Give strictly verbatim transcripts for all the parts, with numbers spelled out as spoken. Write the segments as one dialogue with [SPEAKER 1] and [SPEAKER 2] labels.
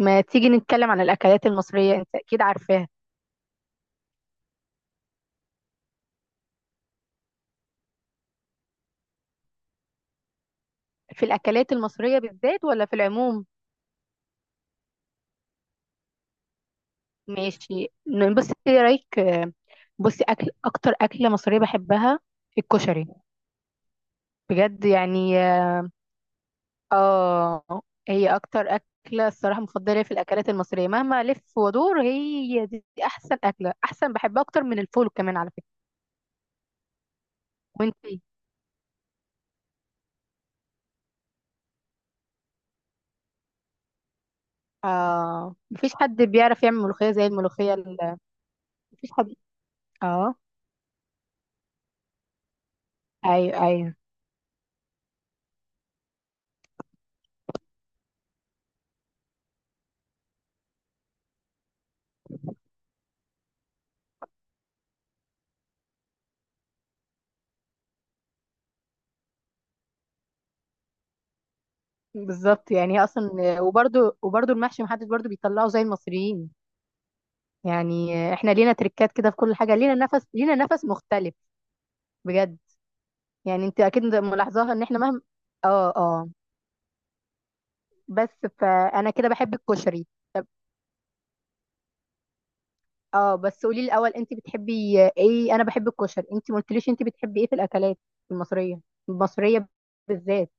[SPEAKER 1] ما تيجي نتكلم عن الأكلات المصرية؟ أنت أكيد عارفاها. في الأكلات المصرية بالذات ولا في العموم؟ ماشي. ن- بصي، إيه رأيك. آه، بصي، أكل أكتر أكلة مصرية بحبها الكشري، بجد يعني. آه، هي أكتر أكلة الصراحة مفضلة في الأكلات المصرية. مهما ألف وأدور، هي دي أحسن أكلة، أحسن. بحبها أكتر من الفول كمان على فكرة. وأنتي؟ آه، مفيش حد بيعرف يعمل ملوخية زي الملوخية ال- مفيش حد. آه، أيوه أيوه. بالظبط، يعني هي اصلا، وبرده وبرده المحشي محدش برده بيطلعه زي المصريين. يعني احنا لينا تريكات كده في كل حاجه، لينا نفس، لينا نفس مختلف، بجد. يعني انت اكيد ملاحظاها ان احنا مهما. اه اه، بس فانا كده بحب الكشري. اه، بس قولي لي الاول، انت بتحبي ايه؟ انا بحب الكشري، انت ما قلتليش انت بتحبي ايه في الاكلات المصريه المصريه بالذات.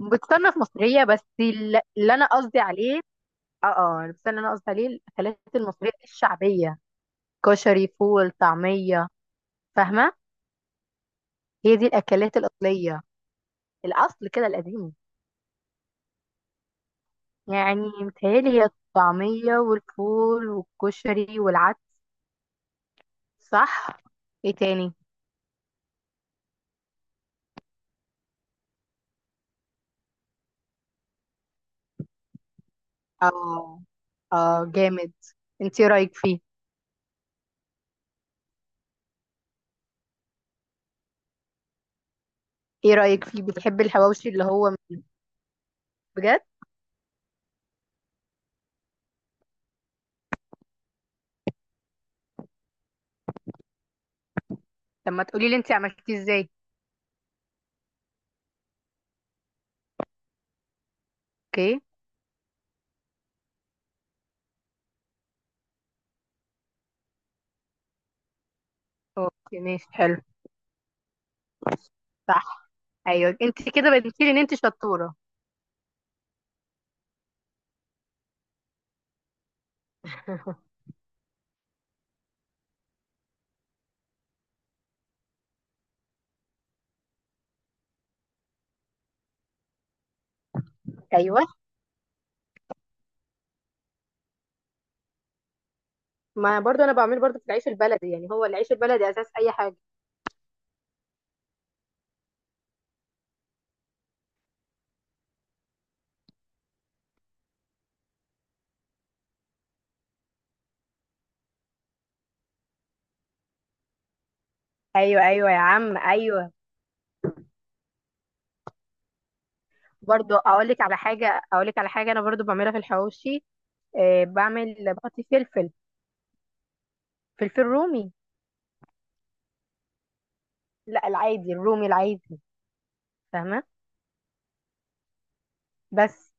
[SPEAKER 1] بتصنف مصريه، بس الل- اللي انا قصدي عليه، اه اه، بس اللي انا قصدي عليه الاكلات المصريه الشعبيه: كشري، فول، طعمية، فاهمة؟ هي دي الأكلات الأصلية، الأصل كده القديم. يعني متهيألي هي الطعمية والفول والكشري والعدس، صح؟ ايه تاني؟ اه اه، جامد. انت ايه رأيك فيه؟ ايه رأيك فيه؟ بتحبي الحواوشي اللي هو، بجد؟ لما تقولي لي انت عملتيه ازاي. اوكي، اوكي، ماشي، حلو، صح. ايوه، انت كده بتقولي ان انت شطورة. ايوه، ما برضو انا بعمله برضو في العيش البلدي. يعني هو العيش البلدي اساس اي حاجة. ايوه ايوه يا عم، ايوه. برضو اقول لك على حاجه، اقول لك على حاجه انا برضو بعملها في الحواوشي. آه، بعمل بحط فلفل. فلفل رومي. لا، العادي، الرومي العادي، فاهمه. بس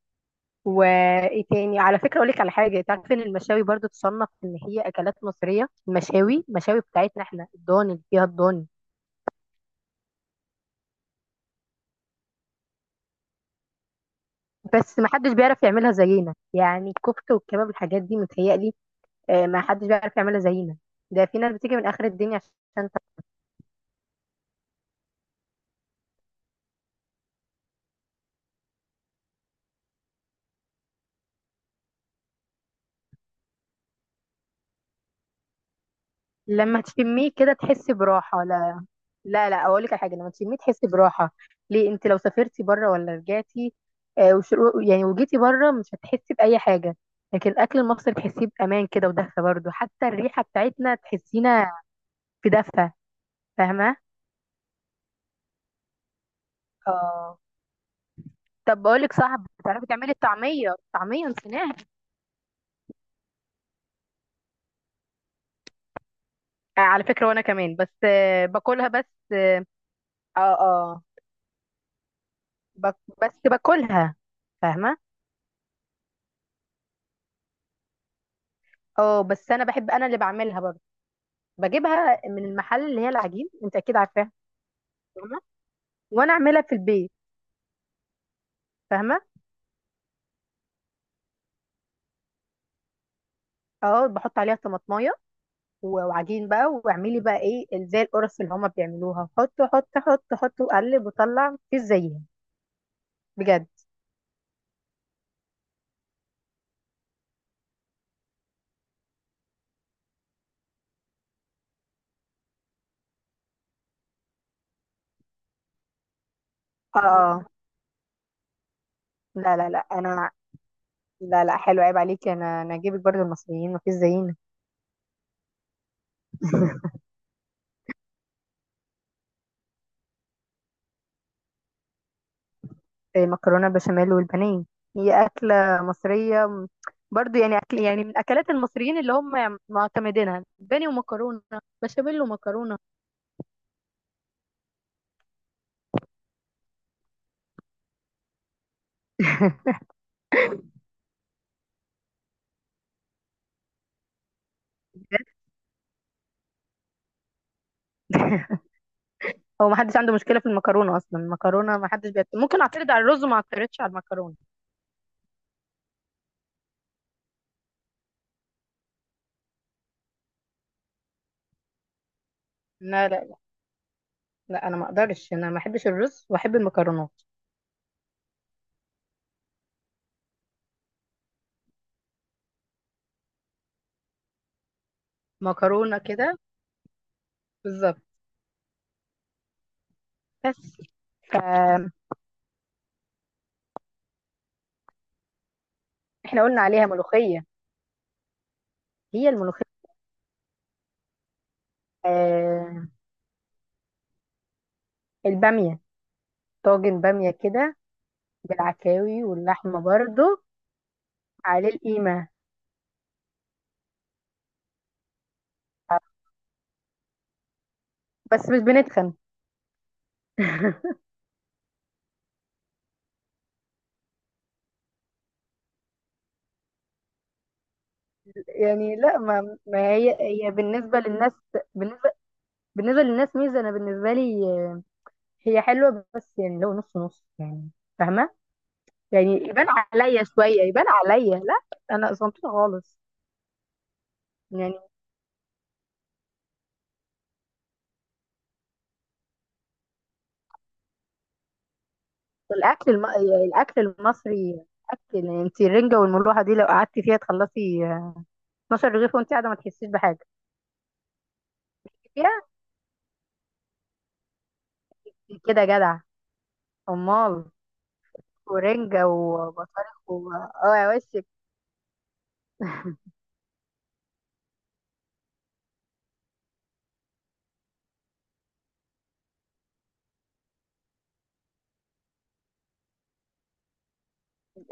[SPEAKER 1] وايه تاني على فكره، اقول لك على حاجه، تعرف ان المشاوي برضو تصنف ان هي اكلات مصريه. المشاوي المشاوي بتاعتنا احنا الضاني، اللي فيها الضاني. بس ما حدش بيعرف يعملها زينا، يعني الكفته والكباب الحاجات دي، متهيألي. آه، ما حدش بيعرف يعملها زينا. ده في ناس بتيجي من اخر الدنيا عشان. لما تشميه كده تحسي براحة؟ لا. لا لا اقول لك على حاجة، لما تشميه تحسي براحة. ليه؟ انت لو سافرتي بره ولا رجعتي، آه وشرو... يعني وجيتي بره، مش هتحسي بأي حاجة. لكن الاكل المصري تحسيه بأمان كده، ودفى برضه. حتى الريحة بتاعتنا تحسينا في دفى، فاهمة؟ اه. طب بقول لك صاحب، بتعرفي تعملي الطعمية؟ الطعمية نسيناها. آه، على فكرة، وانا كمان، بس آه باكلها بس. اه اه، بك... بس باكلها، فاهمة. اه، بس انا بحب، انا اللي بعملها برضه. بجيبها من المحل، اللي هي العجين، انت اكيد عارفاها، فاهمه. وانا اعملها في البيت، فاهمه. اه، بحط عليها طماطمايه و- وعجين بقى، واعملي بقى ايه زي القرص اللي هما بيعملوها، حط حط حط حط وقلب وطلع، مفيش زيها، بجد. اه، لا لا لا، انا لا لا، حلو، عيب عليكي، انا انا اجيبك برضو المصريين مفيش زينا. إيه، مكرونه بشاميل والبانيه، هي اكله مصريه م- برضو، يعني اكل يعني من اكلات المصريين اللي هم معتمدينها: بانيه ومكرونه بشاميل ومكرونه، بجد. هو ما حدش عنده مشكله في المكرونه اصلا، المكرونه ما حدش بيت... ممكن اعترض على الرز وما اعترضش على المكرونه. لا لا لا، انا ما اقدرش، انا ما احبش الرز واحب المكرونات. مكرونه كده، بالظبط. بس ف- احنا قلنا عليها ملوخيه، هي الملوخيه. آه، الباميه، طاجن باميه كده، بالعكاوي واللحمه برضو، عليه القيمه. بس مش بنتخن. يعني لا، ما, ما هي، هي بالنسبه للناس، بالنسبه بالنسبه للناس ميزه. انا بالنسبه لي هي حلوه، بس يعني لو نص نص يعني، فاهمه. يعني يبان عليا شويه، يبان عليا لا، انا صمتوطه خالص. يعني الاكل الم... الاكل المصري اكل. يعني انت الرنجه والملوحه دي لو قعدتي فيها تخلصي اثناشر رغيف وانت قاعده ما تحسيش بحاجه فيها، كده جدع، امال. ورنجه وبطارخ و... اه يا وشك.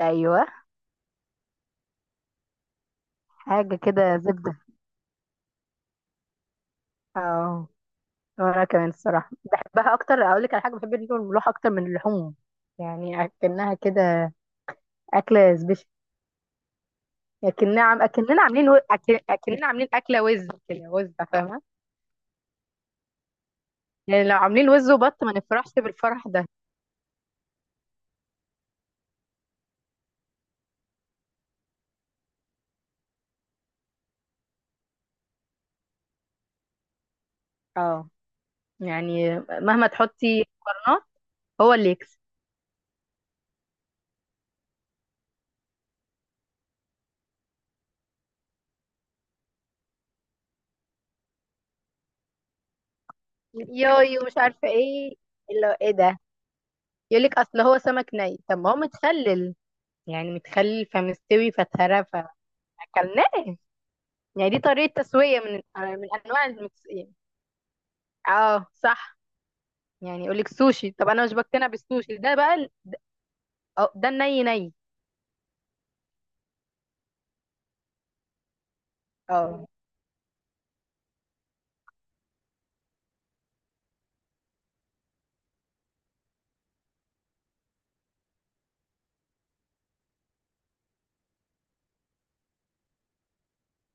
[SPEAKER 1] ايوه، حاجه كده زبده. اه، وانا كمان الصراحه بحبها اكتر. اقول لك على حاجه، بحب الرنجه والملوحه اكتر من اللحوم، يعني اكنها كده اكله سبيشال. اكننا عم اكننا عاملين و... أكن... اكننا عاملين اكله وز كده، وز، فاهمه. يعني لو عاملين وز وبط ما نفرحش بالفرح ده، اه. يعني مهما تحطي مقارنات، هو اللي يكسب. ياي، ومش عارفه ايه، اللي ايه ده. يقول لك اصل هو سمك ني، طب ما هو متخلل، يعني متخلل فمستوي فتهرى، فاكلناه. يعني دي طريقه تسويه من من انواع المكس... اه صح. يعني يقول لك سوشي، طب انا مش بقتنع بالسوشي ده بقى ال- أه، ده الني ني. اه،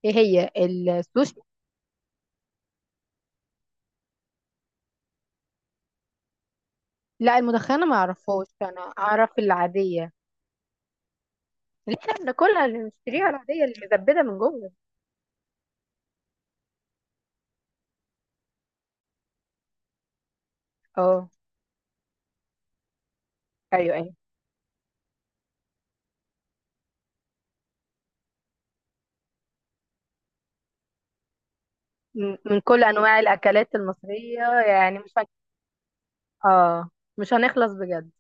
[SPEAKER 1] ايه هي السوشي. لا، المدخنه ما اعرفهاش، انا اعرف العاديه اللي احنا بناكلها، اللي بنشتريها العاديه اللي مزبده من جوه، اه. ايوه ايوه، م- من كل انواع الاكلات المصريه، يعني مش هن... اه، مش هنخلص بجد.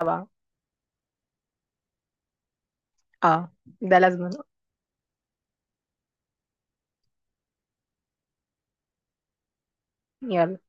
[SPEAKER 1] طبعا، اه، ده لازم. يلا.